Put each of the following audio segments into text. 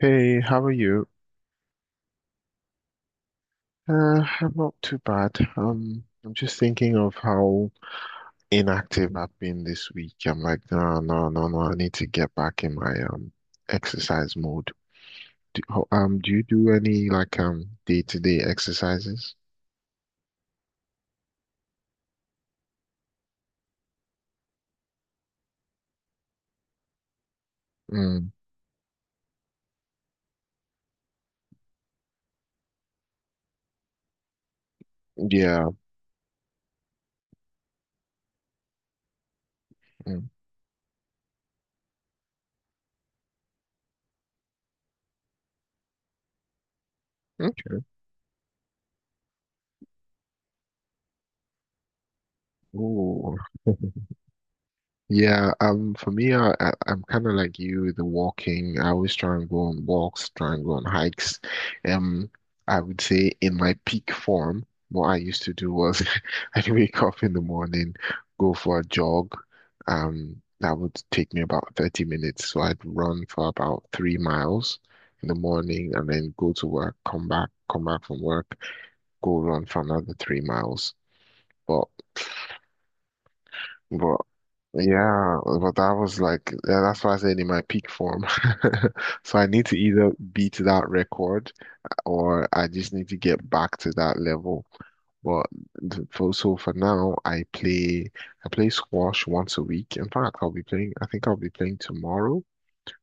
Hey, how are you? I'm not too bad. I'm just thinking of how inactive I've been this week. I'm like, no, no, no, no. I need to get back in my exercise mode. Do you do any like day-to-day exercises? Mm, yeah. Mm, okay. Ooh. Yeah, for me, I'm kind of like you with the walking. I always try and go on walks, try and go on hikes. Um, I would say in my peak form, what I used to do was I'd wake up in the morning, go for a jog. That would take me about 30 minutes. So I'd run for about 3 miles in the morning and then go to work, come back from work, go run for another 3 miles. But but that's why I said in my peak form. So I need to either beat that record or I just need to get back to that level. But th- for so For now, I play squash once a week. In fact, I'll be playing. I think I'll be playing tomorrow.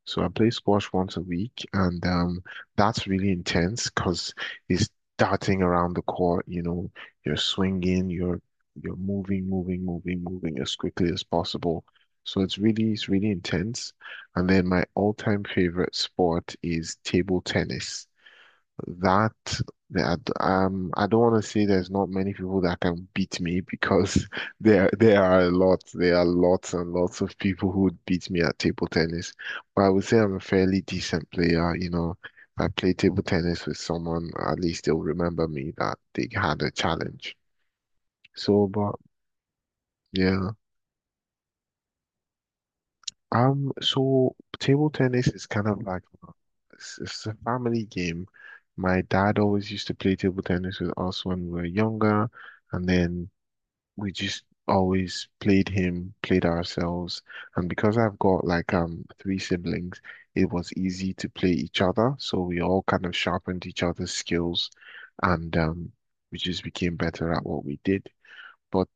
So I play squash once a week, and that's really intense because it's darting around the court. You know, you're swinging, you're moving as quickly as possible. So it's really intense. And then my all-time favorite sport is table tennis. That that I don't want to say there's not many people that can beat me because there are a lot. There are lots and lots of people who would beat me at table tennis. But I would say I'm a fairly decent player. You know, if I play table tennis with someone, at least they'll remember me that they had a challenge. So, but yeah. So table tennis is kind of like it's a family game. My dad always used to play table tennis with us when we were younger, and then we just always played him, played ourselves. And because I've got like three siblings, it was easy to play each other, so we all kind of sharpened each other's skills, and we just became better at what we did. But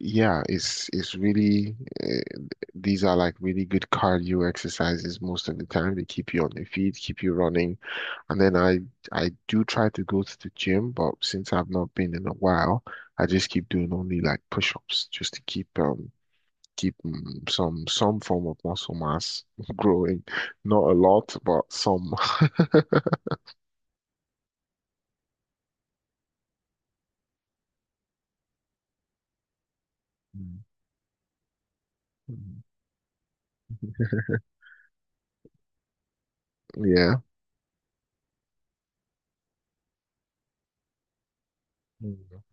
yeah, it's really uh, these are like really good cardio exercises most of the time. They keep you on your feet, keep you running. And then I do try to go to the gym, but since I've not been in a while, I just keep doing only like push-ups just to keep keep some form of muscle mass growing. Not a lot, but some. Mm, mm, yeah. Mm.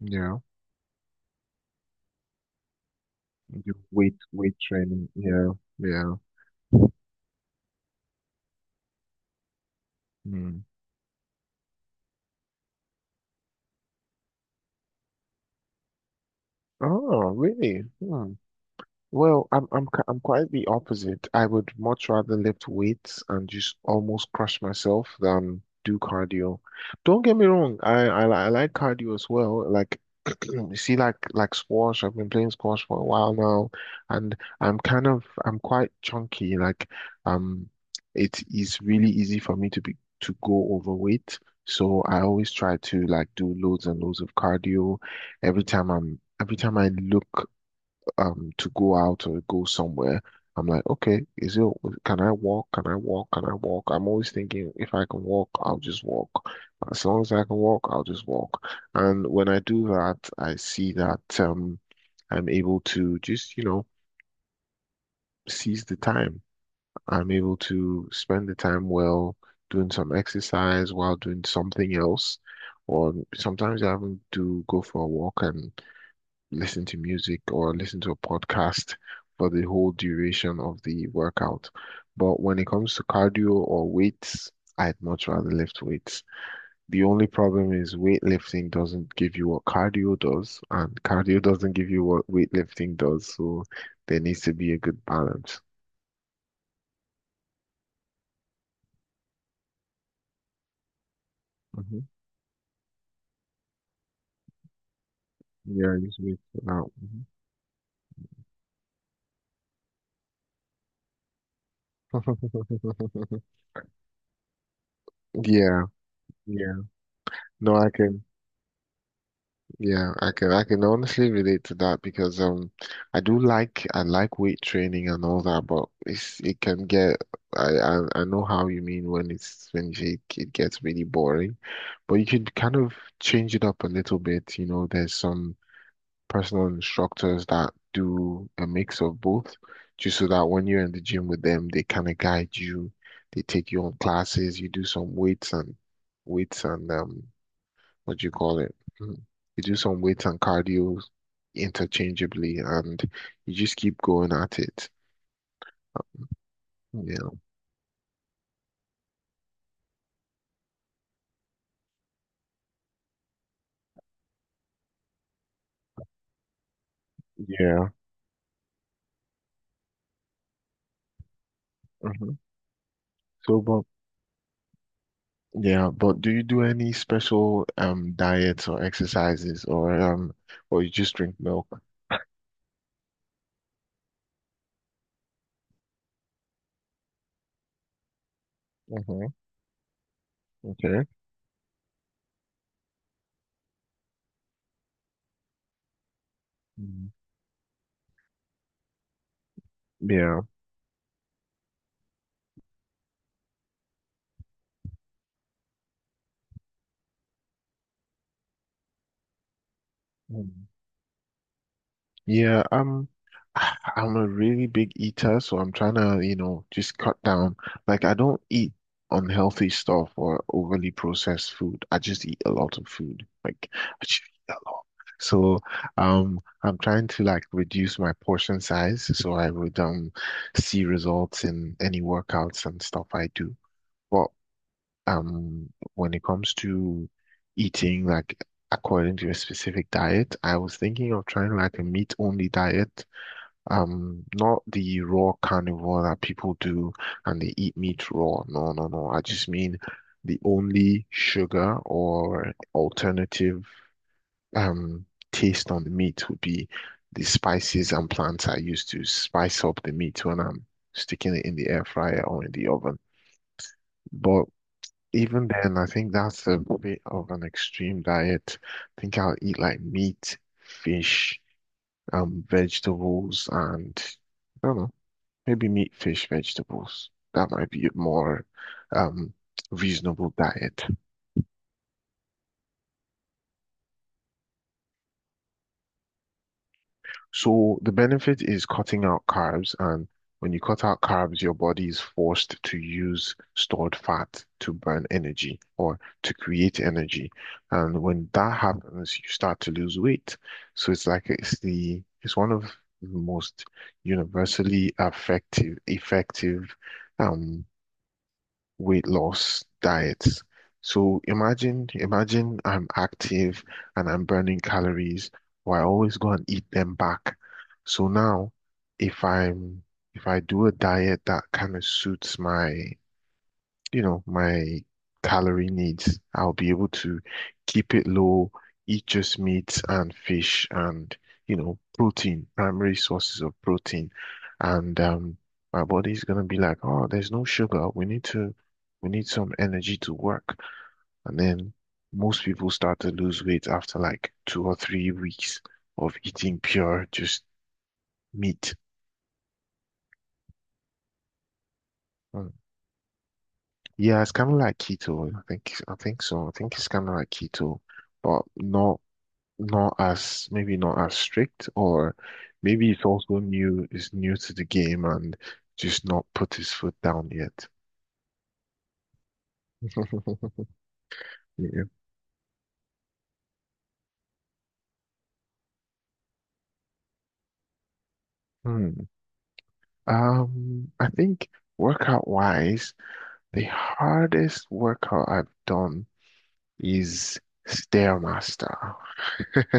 Yeah. You do weight training. Yeah. Yeah. Mm. Oh, really? Hmm. Well, I'm quite the opposite. I would much rather lift weights and just almost crush myself than do cardio. Don't get me wrong, I like cardio as well. Like you see, like squash. I've been playing squash for a while now, and I'm kind of I'm quite chunky. Like um, it is really easy for me to go overweight. So I always try to like do loads and loads of cardio every time I look to go out or go somewhere, I'm like, okay, is it can I walk? Can I walk? Can I walk? I'm always thinking if I can walk, I'll just walk. As long as I can walk, I'll just walk. And when I do that, I see that I'm able to just, seize the time. I'm able to spend the time well doing some exercise while doing something else. Or sometimes I even do go for a walk and listen to music or listen to a podcast for the whole duration of the workout. But when it comes to cardio or weights, I'd much rather lift weights. The only problem is weightlifting doesn't give you what cardio does, and cardio doesn't give you what weightlifting does. So there needs to be a good balance. Hmm. Yeah, I use weights for that. Mhm. Yeah, yeah. No, I can. Yeah, I can honestly relate to that because I do like I like weight training and all that, but it can get I know how you mean when it's when you say it, it gets really boring, but you could kind of change it up a little bit. You know, there's some personal instructors that do a mix of both, just so that when you're in the gym with them, they kind of guide you, they take you on classes, you do some weights and weights and um what do you call it? Mm. You do some weights and cardio interchangeably, and you just keep going at it. Yeah. Yeah. Hmm. So, but yeah, but do you do any special diets or exercises, or you just drink milk? Hmm. Okay. Mm. Yeah. Yeah, I'm a really big eater, so I'm trying to, you know, just cut down. Like, I don't eat unhealthy stuff or overly processed food. I just eat a lot of food. Like, I just eat a lot. So, I'm trying to like reduce my portion size so I would see results in any workouts and stuff I do. But um, when it comes to eating, like according to your specific diet, I was thinking of trying like a meat-only diet. Not the raw carnivore that people do and they eat meat raw. No, no, no. I just mean the only sugar or alternative um taste on the meat would be the spices and plants I use to spice up the meat when I'm sticking it in the air fryer or in the oven. But even then, I think that's a bit of an extreme diet. I think I'll eat like meat, fish, vegetables, and I don't know, maybe meat, fish, vegetables. That might be a more um reasonable diet. So the benefit is cutting out carbs, and when you cut out carbs, your body is forced to use stored fat to burn energy or to create energy. And when that happens, you start to lose weight. So it's one of the most universally effective effective um weight loss diets. So imagine I'm active and I'm burning calories, but I always go and eat them back. So now, if I'm if I do a diet that kind of suits my you know, my calorie needs. I'll be able to keep it low, eat just meat and fish and, you know, protein, primary sources of protein. And my body's gonna be like, oh, there's no sugar. We need some energy to work. And then most people start to lose weight after like 2 or 3 weeks of eating pure just meat. Mm. Yeah, it's kind of like keto. I think so. I think it's kind of like keto, but not as maybe not as strict, or maybe it's also new, is new to the game and just not put his foot down yet. Yeah. Hmm. I think workout wise, the hardest workout I've done is Stairmaster.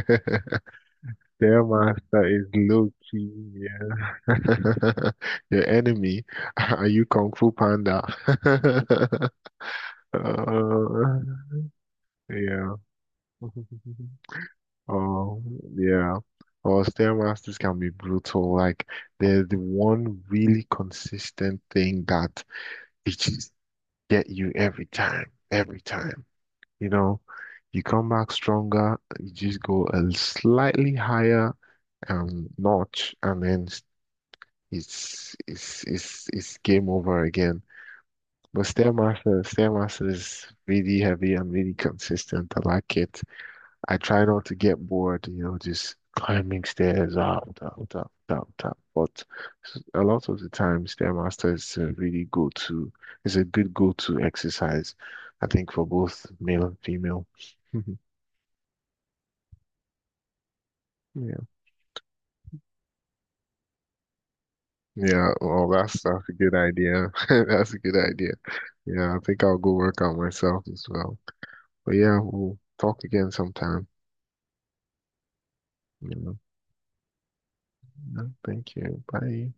Stairmaster is low key, yeah. Your enemy. Are you Kung Fu Panda? Uh, yeah. Oh, yeah. Well, Stairmasters can be brutal. Like, they're the one really consistent thing that it just get you every time, every time. You know, you come back stronger, you just go a slightly higher notch, and then it's it's game over again. But Stairmaster is really heavy and really consistent. I like it. I try not to get bored, you know, just climbing stairs up, up, up, up, up. But a lot of the time, Stairmaster is a really it's a good go-to exercise, I think, for both male and female. Yeah. Yeah, well, that's a good idea. That's a good idea. Yeah, I think I'll go work out myself as well. But yeah, we'll talk again sometime. You know. Yeah, thank you. Bye.